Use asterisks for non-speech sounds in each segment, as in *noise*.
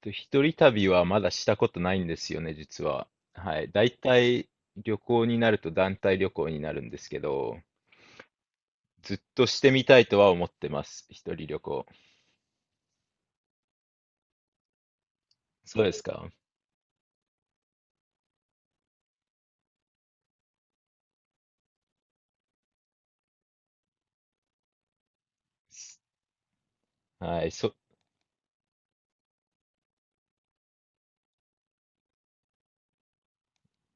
一人旅はまだしたことないんですよね、実は。はい。大体旅行になると団体旅行になるんですけど、ずっとしてみたいとは思ってます。一人旅行。そうですか。はい。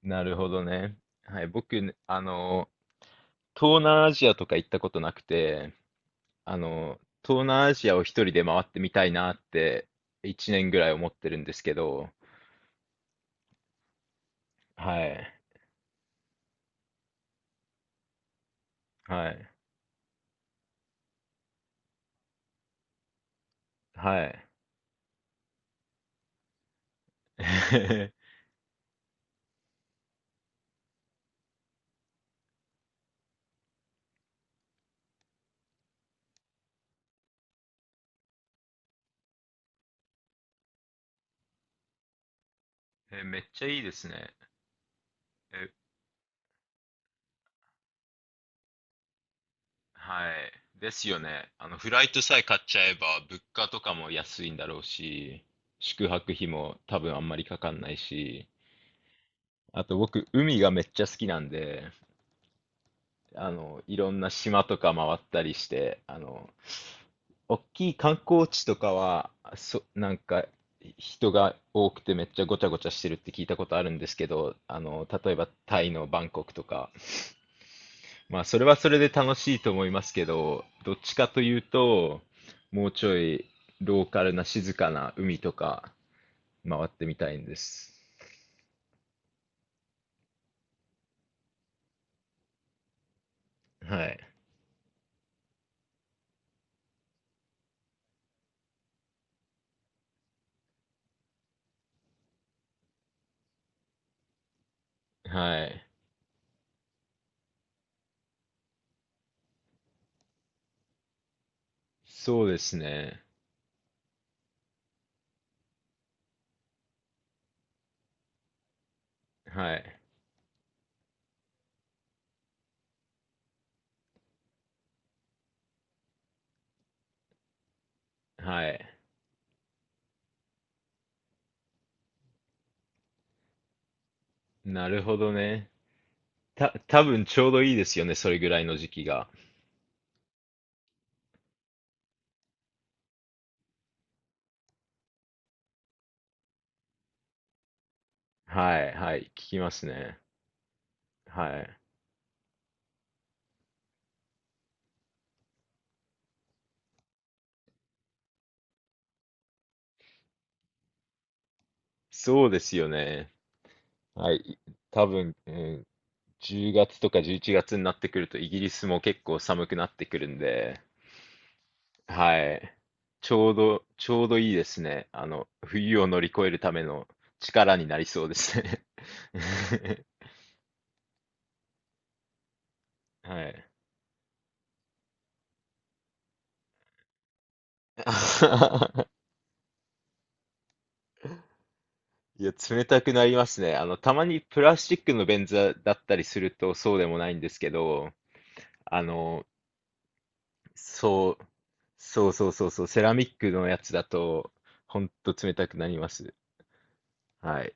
なるほどね。はい。僕ね、東南アジアとか行ったことなくて、東南アジアを一人で回ってみたいなって、1年ぐらい思ってるんですけど、はい。はい。はい。*laughs* めっちゃいいですね。はい。ですよね。フライトさえ買っちゃえば、物価とかも安いんだろうし、宿泊費も多分あんまりかかんないし、あと僕、海がめっちゃ好きなんで、いろんな島とか回ったりして、大きい観光地とかは、なんか、人が多くてめっちゃごちゃごちゃしてるって聞いたことあるんですけど、例えばタイのバンコクとか、まあ、それはそれで楽しいと思いますけど、どっちかというと、もうちょいローカルな静かな海とか回ってみたいんです。はい。はい。そうですね。はい。はい。なるほどね。多分ちょうどいいですよね。それぐらいの時期が。はい。はい。聞きますね。はい。そうですよね。はい。多分、うん、10月とか11月になってくるとイギリスも結構寒くなってくるんで、はい。ちょうどいいですね。冬を乗り越えるための力になりそうですね。*laughs* はい。*laughs* いや、冷たくなりますね。たまにプラスチックの便座だったりするとそうでもないんですけど、あの、そう、そうそうそうそう、セラミックのやつだと、ほんと冷たくなります。はい。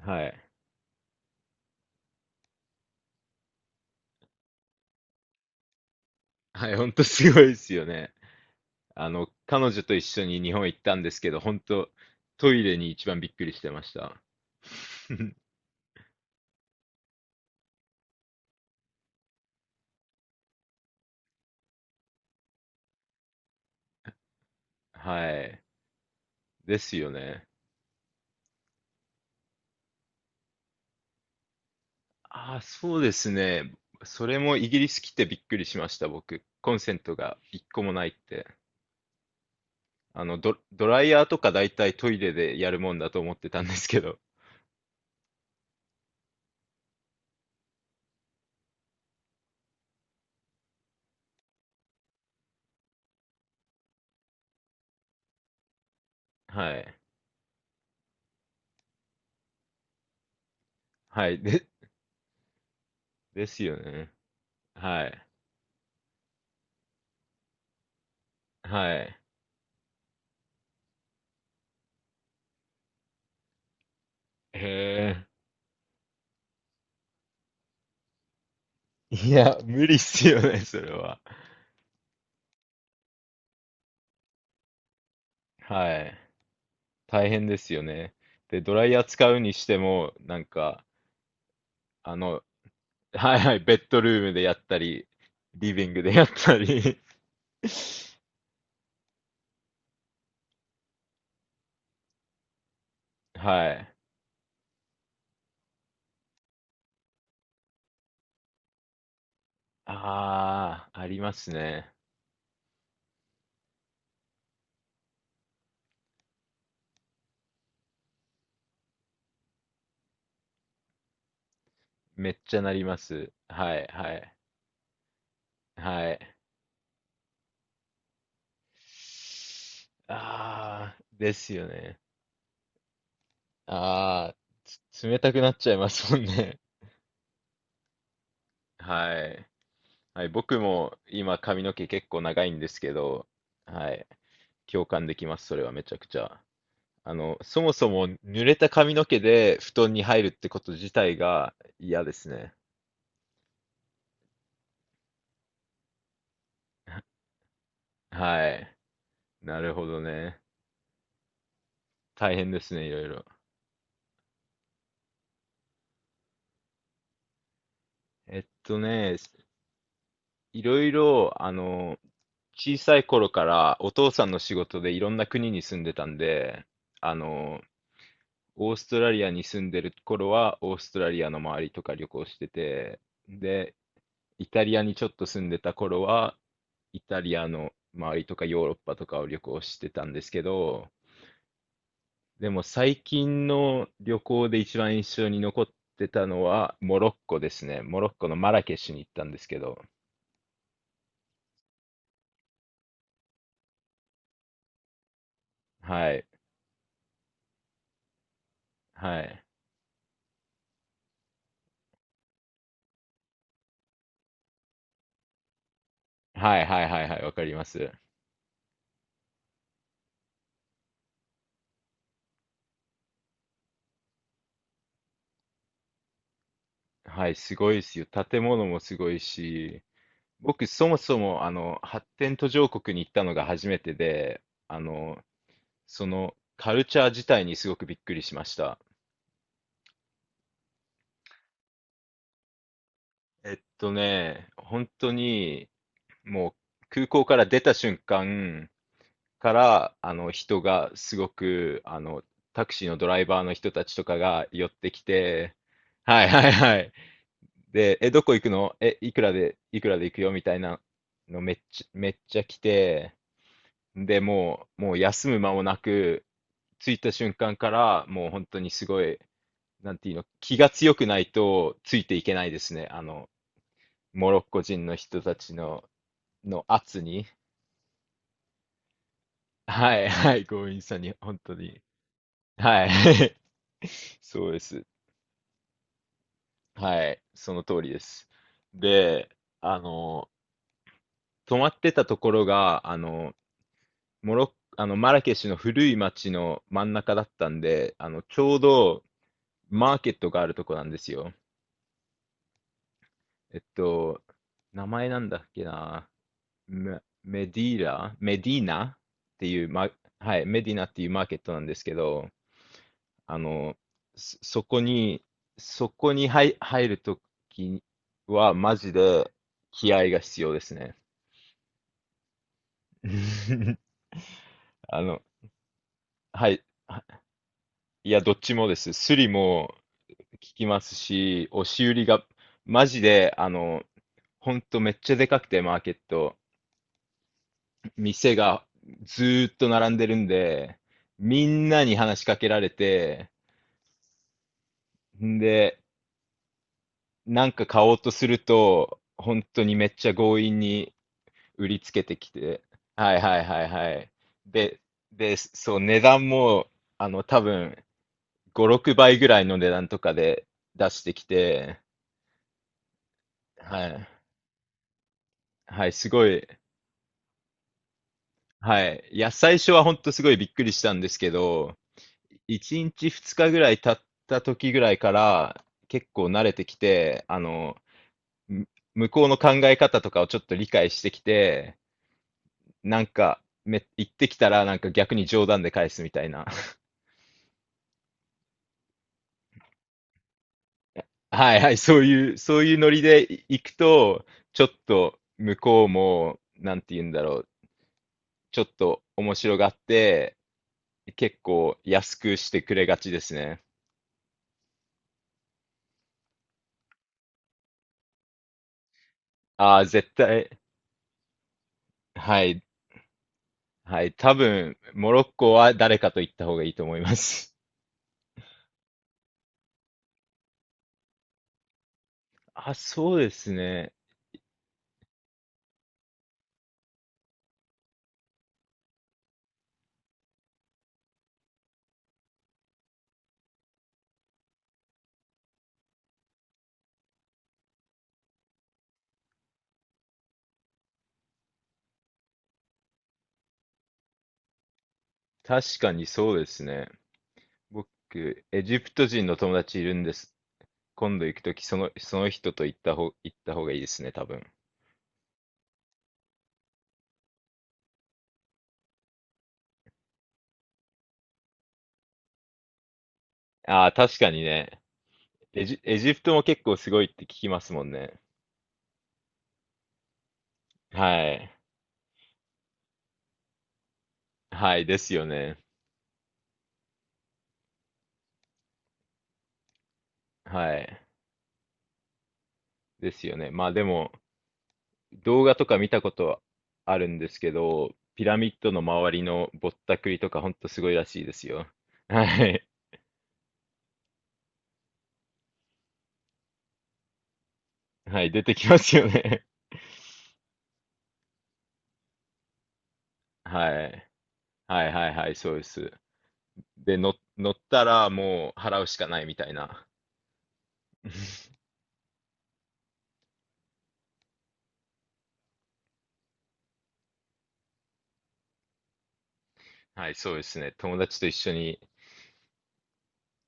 はい。はい、ほんとすごいですよね。彼女と一緒に日本行ったんですけど、本当トイレに一番びっくりしてました。*laughs* はい。ですよね。ああ、そうですね。それもイギリス来てびっくりしました、僕。コンセントが1個もないって。ドライヤーとか大体トイレでやるもんだと思ってたんですけど。はい。はい。で、ですよね。はい。はい。へえ。*laughs* いや、無理っすよね、それは。はい。大変ですよね。で、ドライヤー使うにしても、なんか、あの、*laughs* はいはい、ベッドルームでやったり、リビングでやったり *laughs* はい。ああ、ありますね。めっちゃなります。はい、はい、はい。ああ、ですよね。ああ、冷たくなっちゃいますもんね。*laughs* はい。はい、僕も今髪の毛結構長いんですけど、はい。共感できます、それはめちゃくちゃ。そもそも濡れた髪の毛で布団に入るってこと自体が嫌ですね。はい。なるほどね。大変ですね、いろいろ。えっとね、いろいろ、小さい頃からお父さんの仕事でいろんな国に住んでたんで、あの、オーストラリアに住んでる頃はオーストラリアの周りとか旅行してて、で、イタリアにちょっと住んでた頃はイタリアの周りとかヨーロッパとかを旅行してたんですけど、でも最近の旅行で一番印象に残ってたのはモロッコですね。モロッコのマラケシュに行ったんですけど、はい、はい。はいはいはいはい、わかります。はい、すごいですよ。建物もすごいし、僕そもそもあの発展途上国に行ったのが初めてで、あの、そのカルチャー自体にすごくびっくりしました。本当にもう空港から出た瞬間から、あの人がすごく、タクシーのドライバーの人たちとかが寄ってきて、はいはいはい。で、どこ行くのいくらで行くよみたいなのめっちゃ来て、で、もう休む間もなく、着いた瞬間から、もう本当にすごい、なんていうの、気が強くないとついていけないですね。モロッコ人の人たちの、圧に。はい、はい、強引さに、本当に。はい。*laughs* そうです。はい、その通りです。で、あの、泊まってたところが、あの、モロッ、あの、マラケシュの古い町の真ん中だったんで、ちょうどマーケットがあるとこなんですよ。えっと、名前なんだっけな。メディーナっていう、はい、メディナっていうマーケットなんですけど、あの、そ、そこに、そこに入るときは、マジで気合が必要ですね。*laughs* あの、はい。いや、どっちもです。スリも聞きますし、押し売りが、マジで、ほんとめっちゃでかくて、マーケット。店がずーっと並んでるんで、みんなに話しかけられて、んで、なんか買おうとすると、本当にめっちゃ強引に売りつけてきて、はいはいはいはい。で、で、そう、値段も、多分、5、6倍ぐらいの値段とかで出してきて、はい。はい、すごい。はい。いや、最初は本当すごいびっくりしたんですけど、1日2日ぐらい経った時ぐらいから、結構慣れてきて、む向こうの考え方とかをちょっと理解してきて、なんか、言ってきたらなんか逆に冗談で返すみたいな。*laughs* はいはい、そういうノリで行くと、ちょっと向こうも、なんて言うんだろう、ちょっと面白がって、結構安くしてくれがちですね。ああ、絶対、はい、はい、多分、モロッコは誰かと行った方がいいと思います。*laughs* あ、そうですね。確かにそうですね。僕、エジプト人の友達いるんです。今度行くとき、その人と行った方がいいですね、多分。ああ、確かにね。エジプトも結構すごいって聞きますもんね。はい。はい、ですよね。はい。ですよね。まあでも、動画とか見たことあるんですけど、ピラミッドの周りのぼったくりとかほんとすごいらしいですよ。*laughs* はい。はい、出てきますよね。はい。はいはいはい、そうです。で、乗ったらもう払うしかないみたいな。*laughs* はい、そうですね。友達と一緒に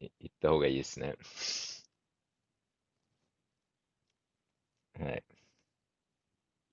行った方がいいですね。はい。